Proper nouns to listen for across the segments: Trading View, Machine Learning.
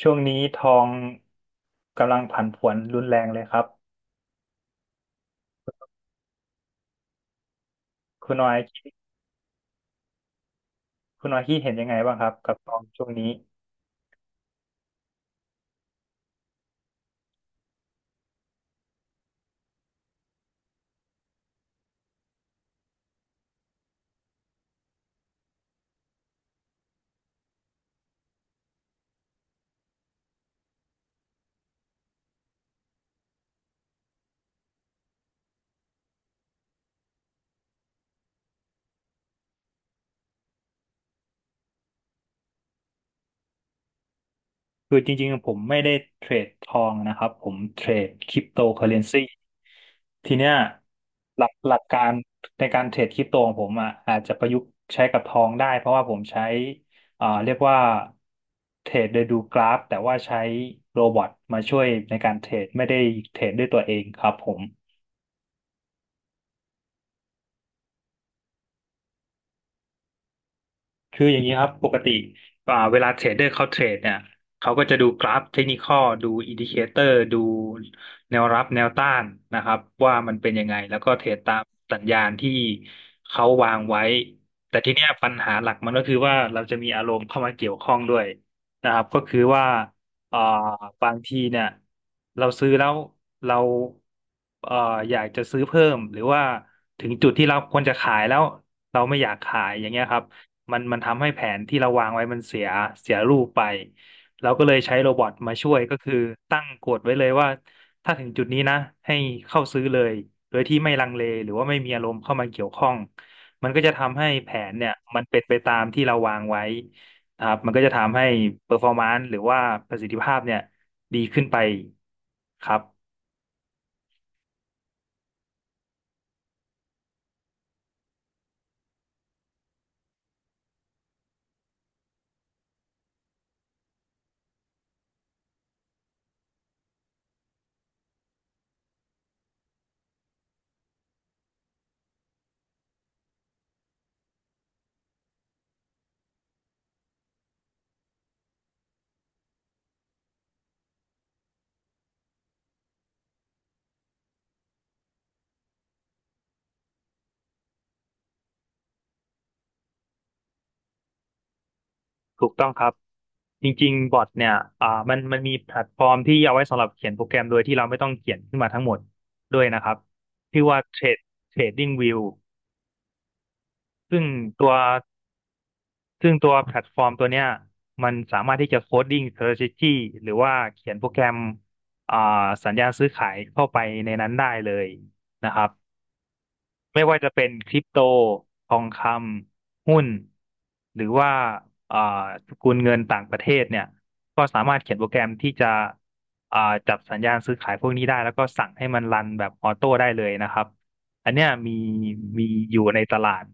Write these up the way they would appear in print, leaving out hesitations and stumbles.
ช่วงนี้ทองกำลังผันผวนรุนแรงเลยครับคุณน้อยคิดคุณน้อยคิดเห็นยังไงบ้างครับกับทองช่วงนี้คือจริงๆผมไม่ได้เทรดทองนะครับผมเทรดคริปโตเคอเรนซีทีเนี้ยหลักการในการเทรดคริปโตของผมอ่ะอาจจะประยุกต์ใช้กับทองได้เพราะว่าผมใช้เรียกว่าเทรดโดยดูกราฟแต่ว่าใช้โรบอทมาช่วยในการเทรดไม่ได้เทรดด้วยตัวเองครับผม คืออย่างนี้ครับปกติเวลาเทรดเดอร์เขาเทรดเนี่ยเขาก็จะดูกราฟเทคนิคอลดูอินดิเคเตอร์ดูแนวรับแนวต้านนะครับว่ามันเป็นยังไงแล้วก็เทรดตามสัญญาณที่เขาวางไว้แต่ทีเนี้ยปัญหาหลักมันก็คือว่าเราจะมีอารมณ์เข้ามาเกี่ยวข้องด้วยนะครับก็คือว่าเอ่อบางทีเนี่ยเราซื้อแล้วเราเอ่ออยากจะซื้อเพิ่มหรือว่าถึงจุดที่เราควรจะขายแล้วเราไม่อยากขายอย่างเงี้ยครับ มันทำให้แผนที่เราวางไว้มันเสียเสียรูปไปเราก็เลยใช้โรบอทมาช่วยก็คือตั้งกฎไว้เลยว่าถ้าถึงจุดนี้นะให้เข้าซื้อเลยโดยที่ไม่ลังเลหรือว่าไม่มีอารมณ์เข้ามาเกี่ยวข้อง มันก็จะทำให้แผนเนี่ยมันเป็นไปตามที่เราวางไว้นะครับมันก็จะทำให้เปอร์ฟอร์มนซ์หรือว่าประสิทธิภาพเนี่ยดีขึ้นไปครับ ถูกต้องครับจริงๆบอทเนี่ยมันมีแพลตฟอร์มที่เอาไว้สำหรับเขียนโปรแกรมโดยที่เราไม่ต้องเขียนขึ้นมาทั้งหมดด้วยนะครับชื่อว่า Trading View ซึ่งตัวซึ่งตัวแพลตฟอร์มตัวเนี้ยมันสามารถที่จะโคดดิ้ง strategy หรือว่าเขียนโปรแกรมอ่าสัญญาณซื้อขายเข้าไปในนั้นได้เลยนะครับ ไม่ว่าจะเป็นคริปโตทองคำหุ้นหรือว่าอ่าสกุลเงินต่างประเทศเนี่ยก็สามารถเขียนโปรแกรมที่จะอ่าจับสัญญาณซื้อขายพวกนี้ได้แล้วก็สั่งให้มันรันแบบออโต้ได้เลยนะครับอันเนี้ยมีอยู่ในตลาด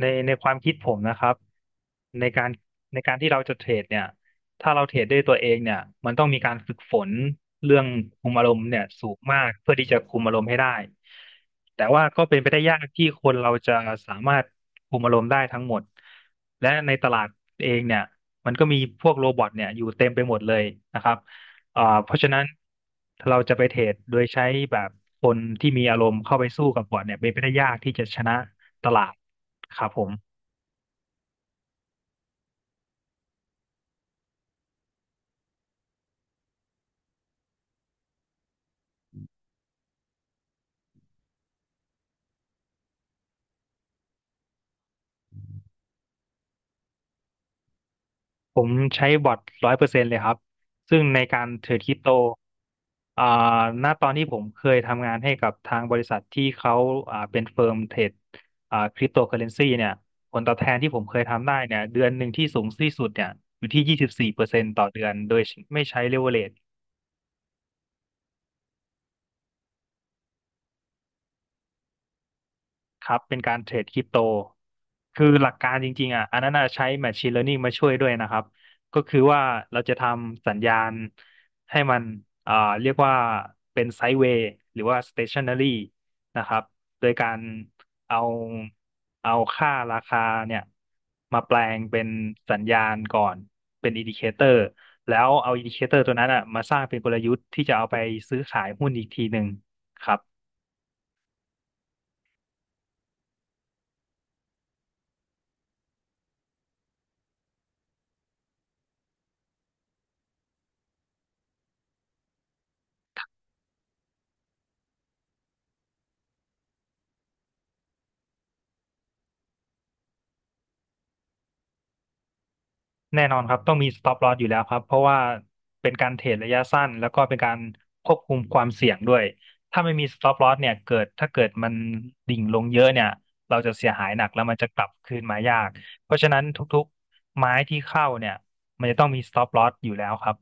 ในความคิดผมนะครับในการในการที่เราจะเทรดเนี่ยถ้าเราเทรดด้วยตัวเองเนี่ยมันต้องมีการฝึกฝนเรื่องคุมอารมณ์เนี่ยสูงมากเพื่อที่จะคุมอารมณ์ให้ได้แต่ว่าก็เป็นไปได้ยากที่คนเราจะสามารถคุมอารมณ์ได้ทั้งหมดและในตลาดเองเนี่ยมันก็มีพวกโรบอทเนี่ยอยู่เต็มไปหมดเลยนะครับเพราะฉะนั้นเราจะไปเทรดโดยใช้แบบคนที่มีอารมณ์เข้าไปสู้กับบอทเนี่ยเป็นไปได้ยากที่จะชนะ ตลาดครับผม ผมใช้บอท100%เลยครับ ซึ่งในการเทรดคริปโตอ่าณตอนที่ผมเคยทำงานให้กับทางบริษัทที่เขาเป็นเฟิร์มเทรดคริปโตเคอเรนซีเนี่ยผลตอบแทนที่ผมเคยทำได้เนี่ยเดือนหนึ่งที่สูงที่สุดเนี่ยอยู่ที่24%ต่อเดือนโดยไม่ใช้เลเวอเรจ ครับเป็นการเทรดคริปโตคือหลักการจริงๆอ่ะอันนั้นน่ะใช้ Machine Learning มาช่วยด้วยนะครับก็คือว่าเราจะทำสัญญาณให้มันอ่าเรียกว่าเป็นไซด์เวย์หรือว่า stationary นะครับโดยการเอาเอาค่าราคาเนี่ยมาแปลงเป็นสัญญาณก่อนเป็นอินดิเคเตอร์แล้วเอาอินดิเคเตอร์ตัวนั้นอ่ะมาสร้างเป็นกลยุทธ์ที่จะเอาไปซื้อขายหุ้นอีกทีหนึ่งครับ แน่นอนครับต้องมี stop loss อยู่แล้วครับเพราะว่าเป็นการเทรดระยะสั้นแล้วก็เป็นการควบคุมความเสี่ยงด้วยถ้าไม่มี stop loss เนี่ยเกิดถ้าเกิดมันดิ่งลงเยอะเนี่ยเราจะเสียหายหนักแล้วมันจะกลับคืนมายากเพราะฉะนั้นทุกๆไม้ที่เข้าเนี่ยมันจะต้องมี stop loss อยู่แล้วครับ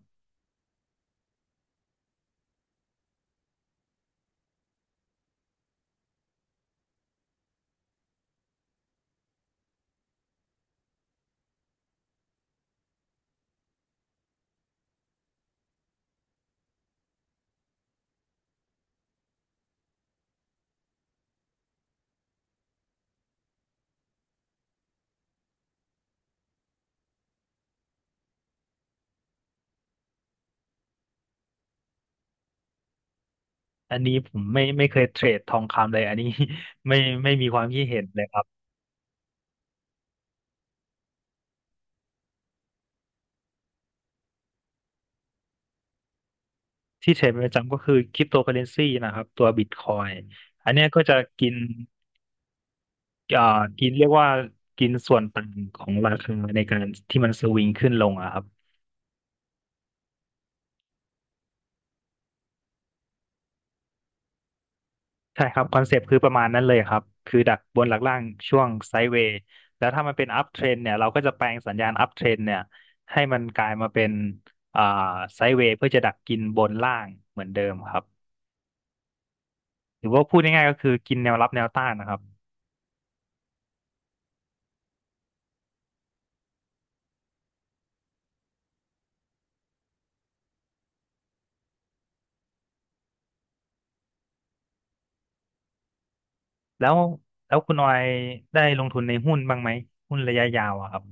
อันนี้ผมไม่เคยเทรดทองคำเลยอันนี้ ไม่ไม่มีความคิดเห็นเลยครับที่เทรดเป็นประจำก็คือคริปโตเคอเรนซีนะครับตัวบิตคอยอันเนี้ยก็จะกิน อ่ากินเรียกว่ากินส่วนต่างของราคาในการที่มันสวิงขึ้นลงอะครับใช่ครับคอนเซปต์คือประมาณนั้นเลยครับคือดักบนหลักล่างช่วงไซด์เวย์แล้วถ้ามันเป็นอัพเทรนเนี่ยเราก็จะแปลงสัญญาณอัพเทรนเนี่ยให้มันกลายมาเป็นอ่าไซด์เวย์เพื่อจะดักกินบนล่างเหมือนเดิมครับหรือว่าพูดง่ายๆก็คือกินแนวรับแนวต้านนะครับแล้วแล้วคุณออยได้ลงทุนในหุ้นบ้างไหมหุ้นระยะยาวอะครับ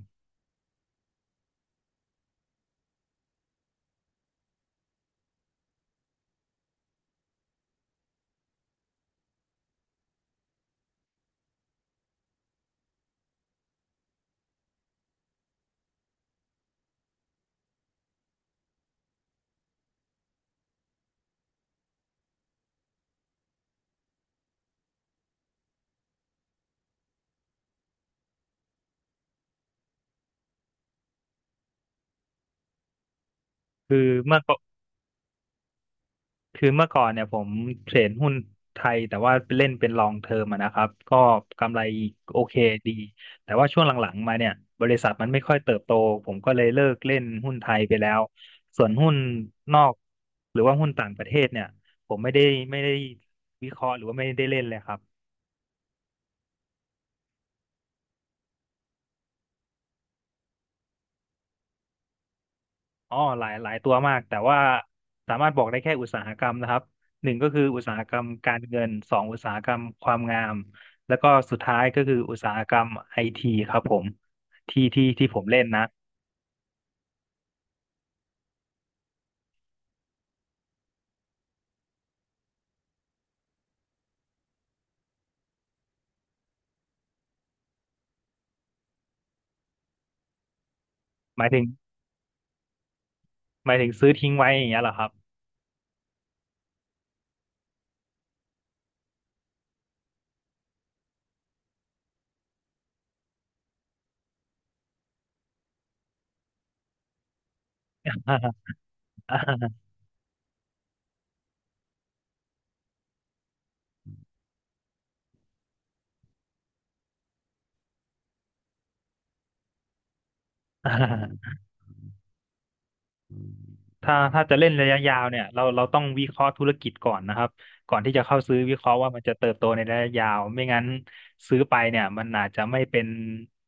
คือเมื่อ คือเมื่อก่อนเนี่ยผมเทรดหุ้นไทยแต่ว่าเล่นเป็นลองเทอมอะนะครับก็กำไรโอเคดีแต่ว่าช่วงหลังๆมาเนี่ยบริษัทมันไม่ค่อยเติบโตผมก็เลยเลิกเล่นหุ้นไทยไปแล้วส่วนหุ้นนอกหรือว่าหุ้นต่างประเทศเนี่ยผมไม่ได้วิเคราะห์หรือว่าไม่ได้เล่นเลยครับ อ๋อหลายตัวมากแต่ว่าสามารถบอกได้แค่อุตสาหกรรมนะครับหนึ่งก็คืออุตสาหกรรมการเงินสองอุตสาหกรรมความงามแล้วก็สุดท้ายก็คืออุตสาหกรรมไอทีครับผมที่ผมเล่นนะหมายถึงหมายถึงซื้อทิ้งไว้อย่างเงี้ยเหรอครับอ่า ถ้าจะเล่นระยะยาวเนี่ยเราต้องวิเคราะห์ธุรกิจก่อนนะครับก่อนที่จะเข้าซื้อวิเคราะห์ว่ามันจะเติบโตในระยะยาวไม่งั้นซื้อไปเนี่ยมันอาจจะไม่เป็น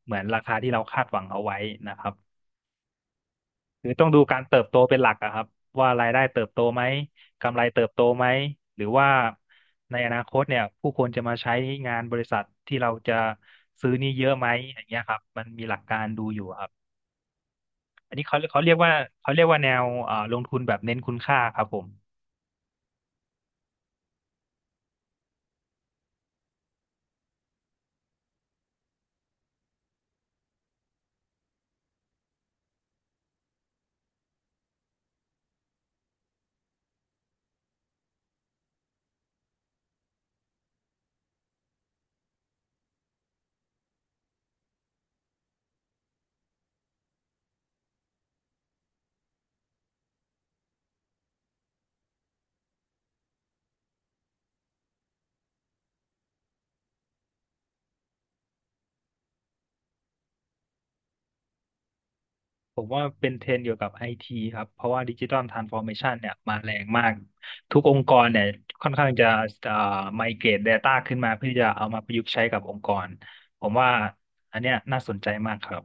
เหมือนราคาที่เราคาดหวังเอาไว้นะครับ คือต้องดูการเติบโตเป็นหลักอะครับว่ารายได้เติบโตไหมกำไรเติบโตไหมหรือว่าในอนาคตเนี่ยผู้คนจะมาใช้งานบริษัทที่เราจะซื้อนี่เยอะไหมอย่างเงี้ยครับมันมีหลักการดูอยู่ครับอันนี้เขาเรียกว่าเขาเรียกว่าแนวลงทุนแบบเน้นคุณค่าครับผม ผมว่าเป็นเทรนด์เกี่ยวกับไอทีครับเพราะว่าดิจิ t a ลทรานส์ฟอร์เมชันเนี่ยมาแรงมากทุกองค์กรเนี่ยค่อนข้างจะเอ่อไมเกรต Data ขึ้นมาเพื่อจะเอามาประยุกต์ใช้กับองค์กรผมว่าอันเนี้ยน่าสนใจมากครับ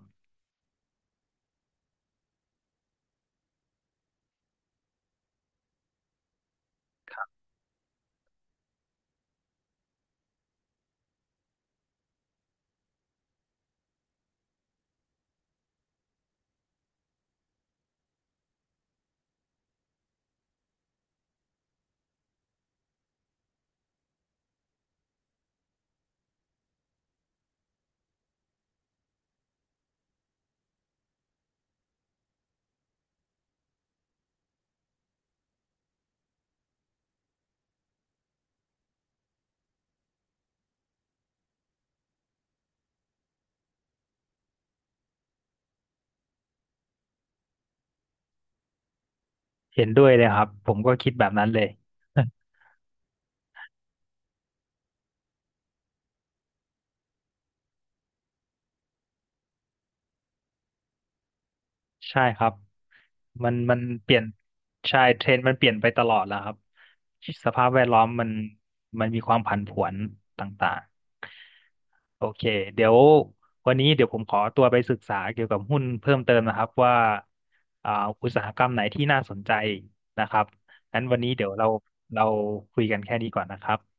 เห็นด้วยเลยครับผมก็คิดแบบนั้นเลย ใช่ครับมันเปลี่ยนใช่เทรนด์มันเปลี่ยนไปตลอดแล้วครับสภาพแวดล้อมมันมีความผันผวนต่างๆโอเคเดี๋ยววันนี้เดี๋ยวผมขอตัวไปศึกษาเกี่ยวกับหุ้นเพิ่มเติมนะครับว่าอ่าอุตสาหกรรมไหนที่น่าสนใจนะครับงั้นวันนี้เดี๋ยวเราคุยกันแค่นี้ก่อนนะครับ